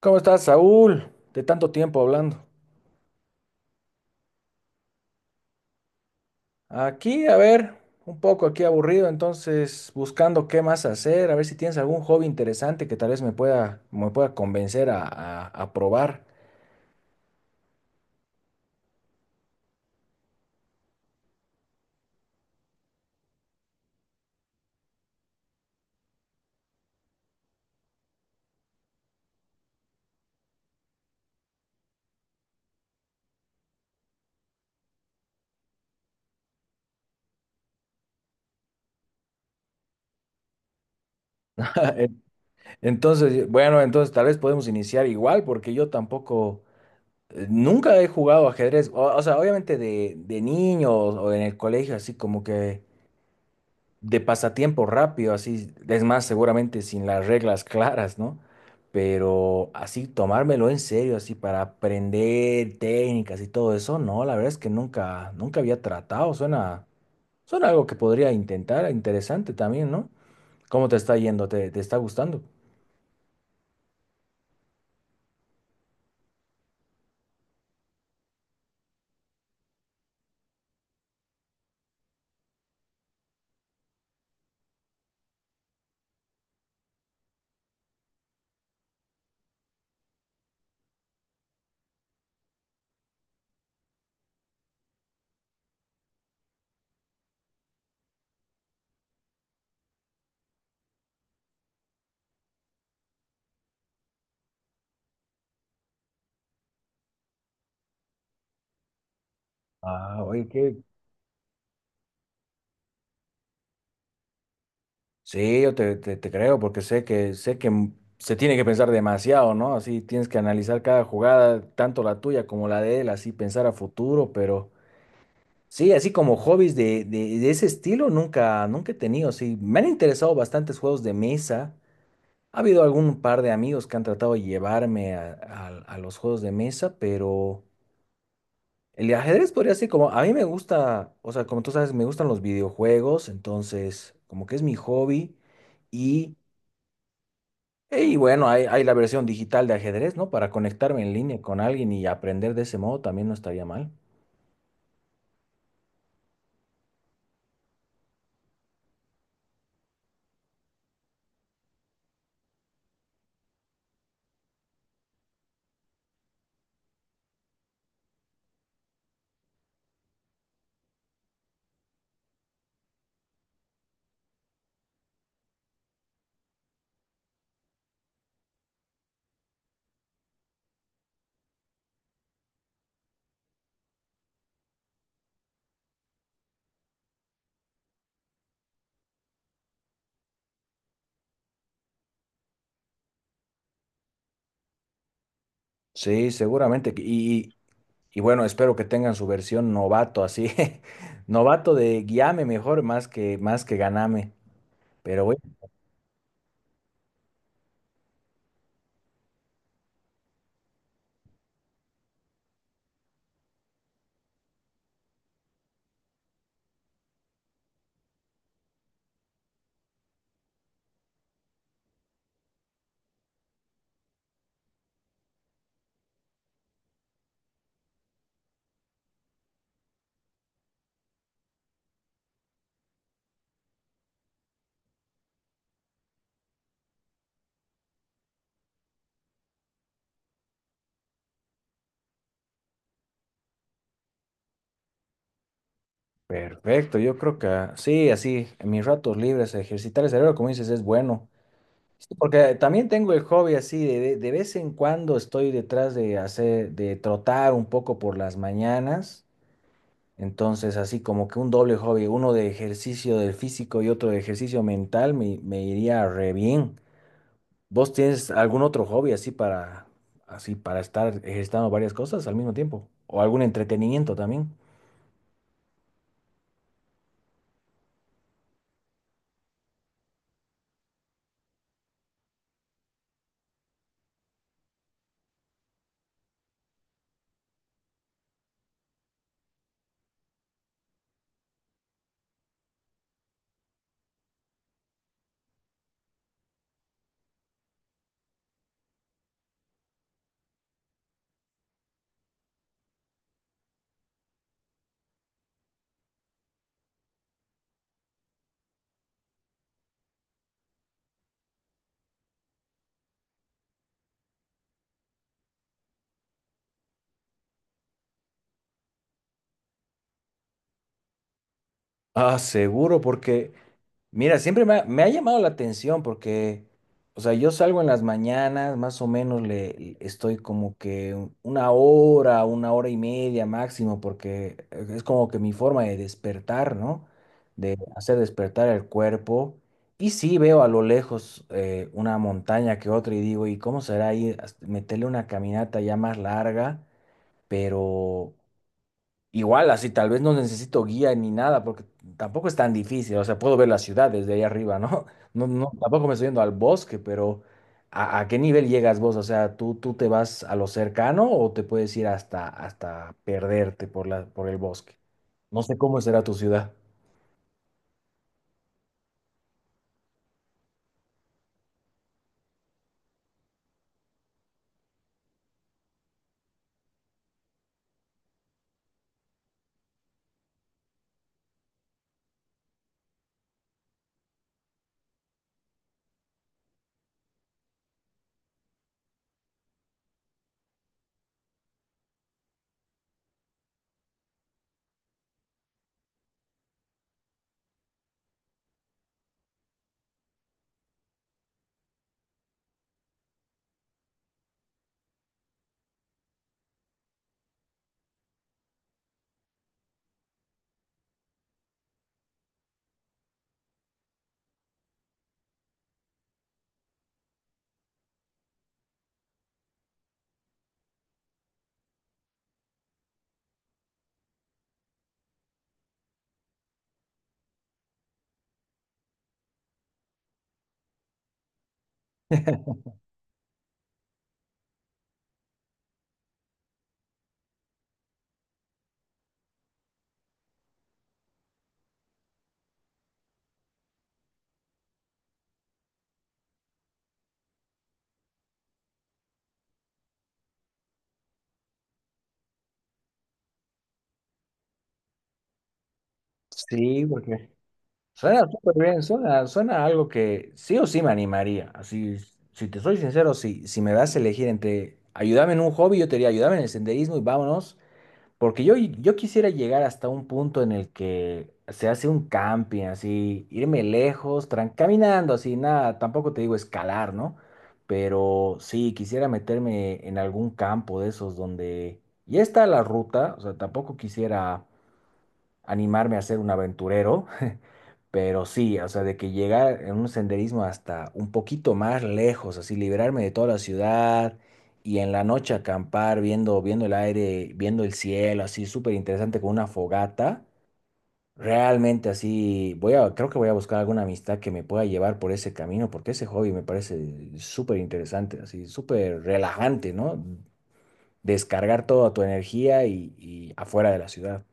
¿Cómo estás, Saúl? De tanto tiempo hablando. Aquí, a ver, un poco aquí aburrido, entonces buscando qué más hacer, a ver si tienes algún hobby interesante que tal vez me pueda convencer a, a probar. En- Entonces, bueno, entonces tal vez podemos iniciar igual, porque yo tampoco, nunca he jugado ajedrez, o sea, obviamente de niño o en el colegio, así como que de pasatiempo rápido, así, es más, seguramente sin las reglas claras, ¿no? Pero así tomármelo en serio, así para aprender técnicas y todo eso, no, la verdad es que nunca, nunca había tratado, suena, suena algo que podría intentar, interesante también, ¿no? ¿Cómo te está yendo? ¿Te, te está gustando? Ah, oye, qué... Sí, yo te, te creo porque sé que se tiene que pensar demasiado, ¿no? Así tienes que analizar cada jugada, tanto la tuya como la de él, así pensar a futuro, pero sí, así como hobbies de, de ese estilo nunca, nunca he tenido. Sí, me han interesado bastantes juegos de mesa. Ha habido algún par de amigos que han tratado de llevarme a, a los juegos de mesa, pero el ajedrez podría ser como, a mí me gusta, o sea, como tú sabes, me gustan los videojuegos, entonces como que es mi hobby. Y, y bueno, hay la versión digital de ajedrez, ¿no? Para conectarme en línea con alguien y aprender de ese modo también no estaría mal. Sí, seguramente. Y y bueno, espero que tengan su versión novato, así, novato de guíame mejor más que ganame. Pero bueno, perfecto, yo creo que ah, sí, así, en mis ratos libres, ejercitar el cerebro, como dices, es bueno. Sí, porque también tengo el hobby así, de, de vez en cuando estoy detrás de hacer, de trotar un poco por las mañanas. Entonces, así como que un doble hobby, uno de ejercicio del físico y otro de ejercicio mental, me iría re bien. ¿Vos tienes algún otro hobby así para, así para estar ejercitando varias cosas al mismo tiempo? ¿O algún entretenimiento también? Ah, seguro, porque mira, siempre me ha llamado la atención porque, o sea, yo salgo en las mañanas, más o menos estoy como que un- una hora y media máximo, porque es como que mi forma de despertar, ¿no? De hacer despertar el cuerpo. Y sí veo a lo lejos una montaña que otra y digo, ¿y cómo será ahí? Hasta meterle una caminata ya más larga, pero igual, así tal vez no necesito guía ni nada, porque tampoco es tan difícil. O sea, puedo ver la ciudad desde ahí arriba, ¿no? No, no, tampoco me estoy yendo al bosque, pero a qué nivel llegas vos? O sea, ¿tú, tú te vas a lo cercano o te puedes ir hasta, hasta perderte por la, por el bosque? No sé cómo será tu ciudad. Sí, porque suena súper bien, suena, suena a algo que sí o sí me animaría. Así, si te soy sincero, si, si me das a elegir entre ayudarme en un hobby, yo te diría ayudarme en el senderismo y vámonos. Porque yo quisiera llegar hasta un punto en el que se hace un camping, así, irme lejos, tran- caminando, así, nada, tampoco te digo escalar, ¿no? Pero sí, quisiera meterme en algún campo de esos donde ya está la ruta, o sea, tampoco quisiera animarme a ser un aventurero. Pero sí, o sea, de que llegar en un senderismo hasta un poquito más lejos, así liberarme de toda la ciudad y en la noche acampar viendo, viendo el aire, viendo el cielo, así súper interesante con una fogata. Realmente así, voy a, creo que voy a buscar alguna amistad que me pueda llevar por ese camino, porque ese hobby me parece súper interesante, así súper relajante, ¿no? Descargar toda tu energía y afuera de la ciudad.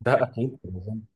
Está interesante.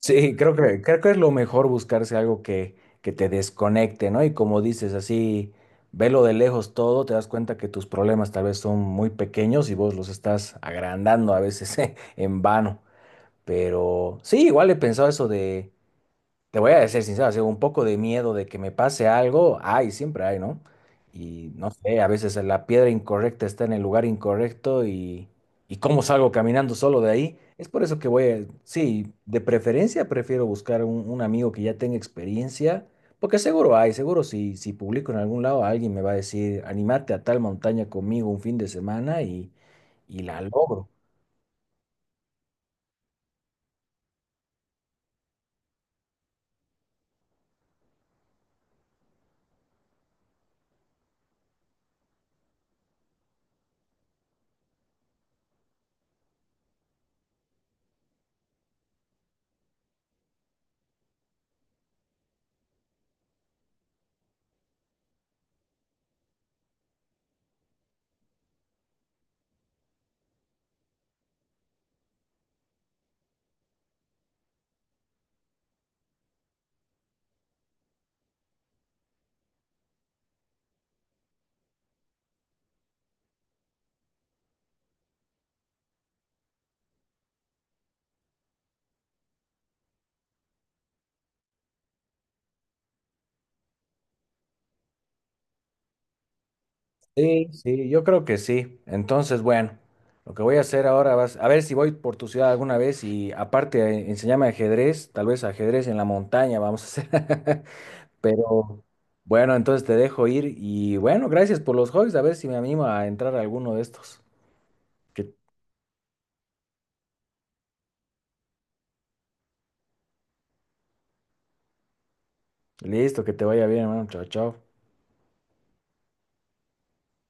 Sí, creo que es lo mejor buscarse algo que te desconecte, ¿no? Y como dices, así, velo de lejos todo, te das cuenta que tus problemas tal vez son muy pequeños y vos los estás agrandando a veces en vano. Pero sí, igual he pensado eso, te voy a ser sincero, así, un poco de miedo de que me pase algo, hay, siempre hay, ¿no? Y no sé, a veces la piedra incorrecta está en el lugar incorrecto y cómo salgo caminando solo de ahí. Es por eso que voy a, sí, de preferencia prefiero buscar un amigo que ya tenga experiencia, porque seguro hay, seguro si, si publico en algún lado, alguien me va a decir, animate a tal montaña conmigo un fin de semana y la logro. Sí, sí, yo creo que sí. Entonces, bueno, lo que voy a hacer ahora va a ser- a ver si voy por tu ciudad alguna vez y aparte enséñame ajedrez, tal vez ajedrez en la montaña vamos a hacer. Pero bueno, entonces te dejo ir y bueno, gracias por los hobbies, a ver si me animo a entrar a alguno de estos. Que, listo, que te vaya bien, hermano. Chao, chao.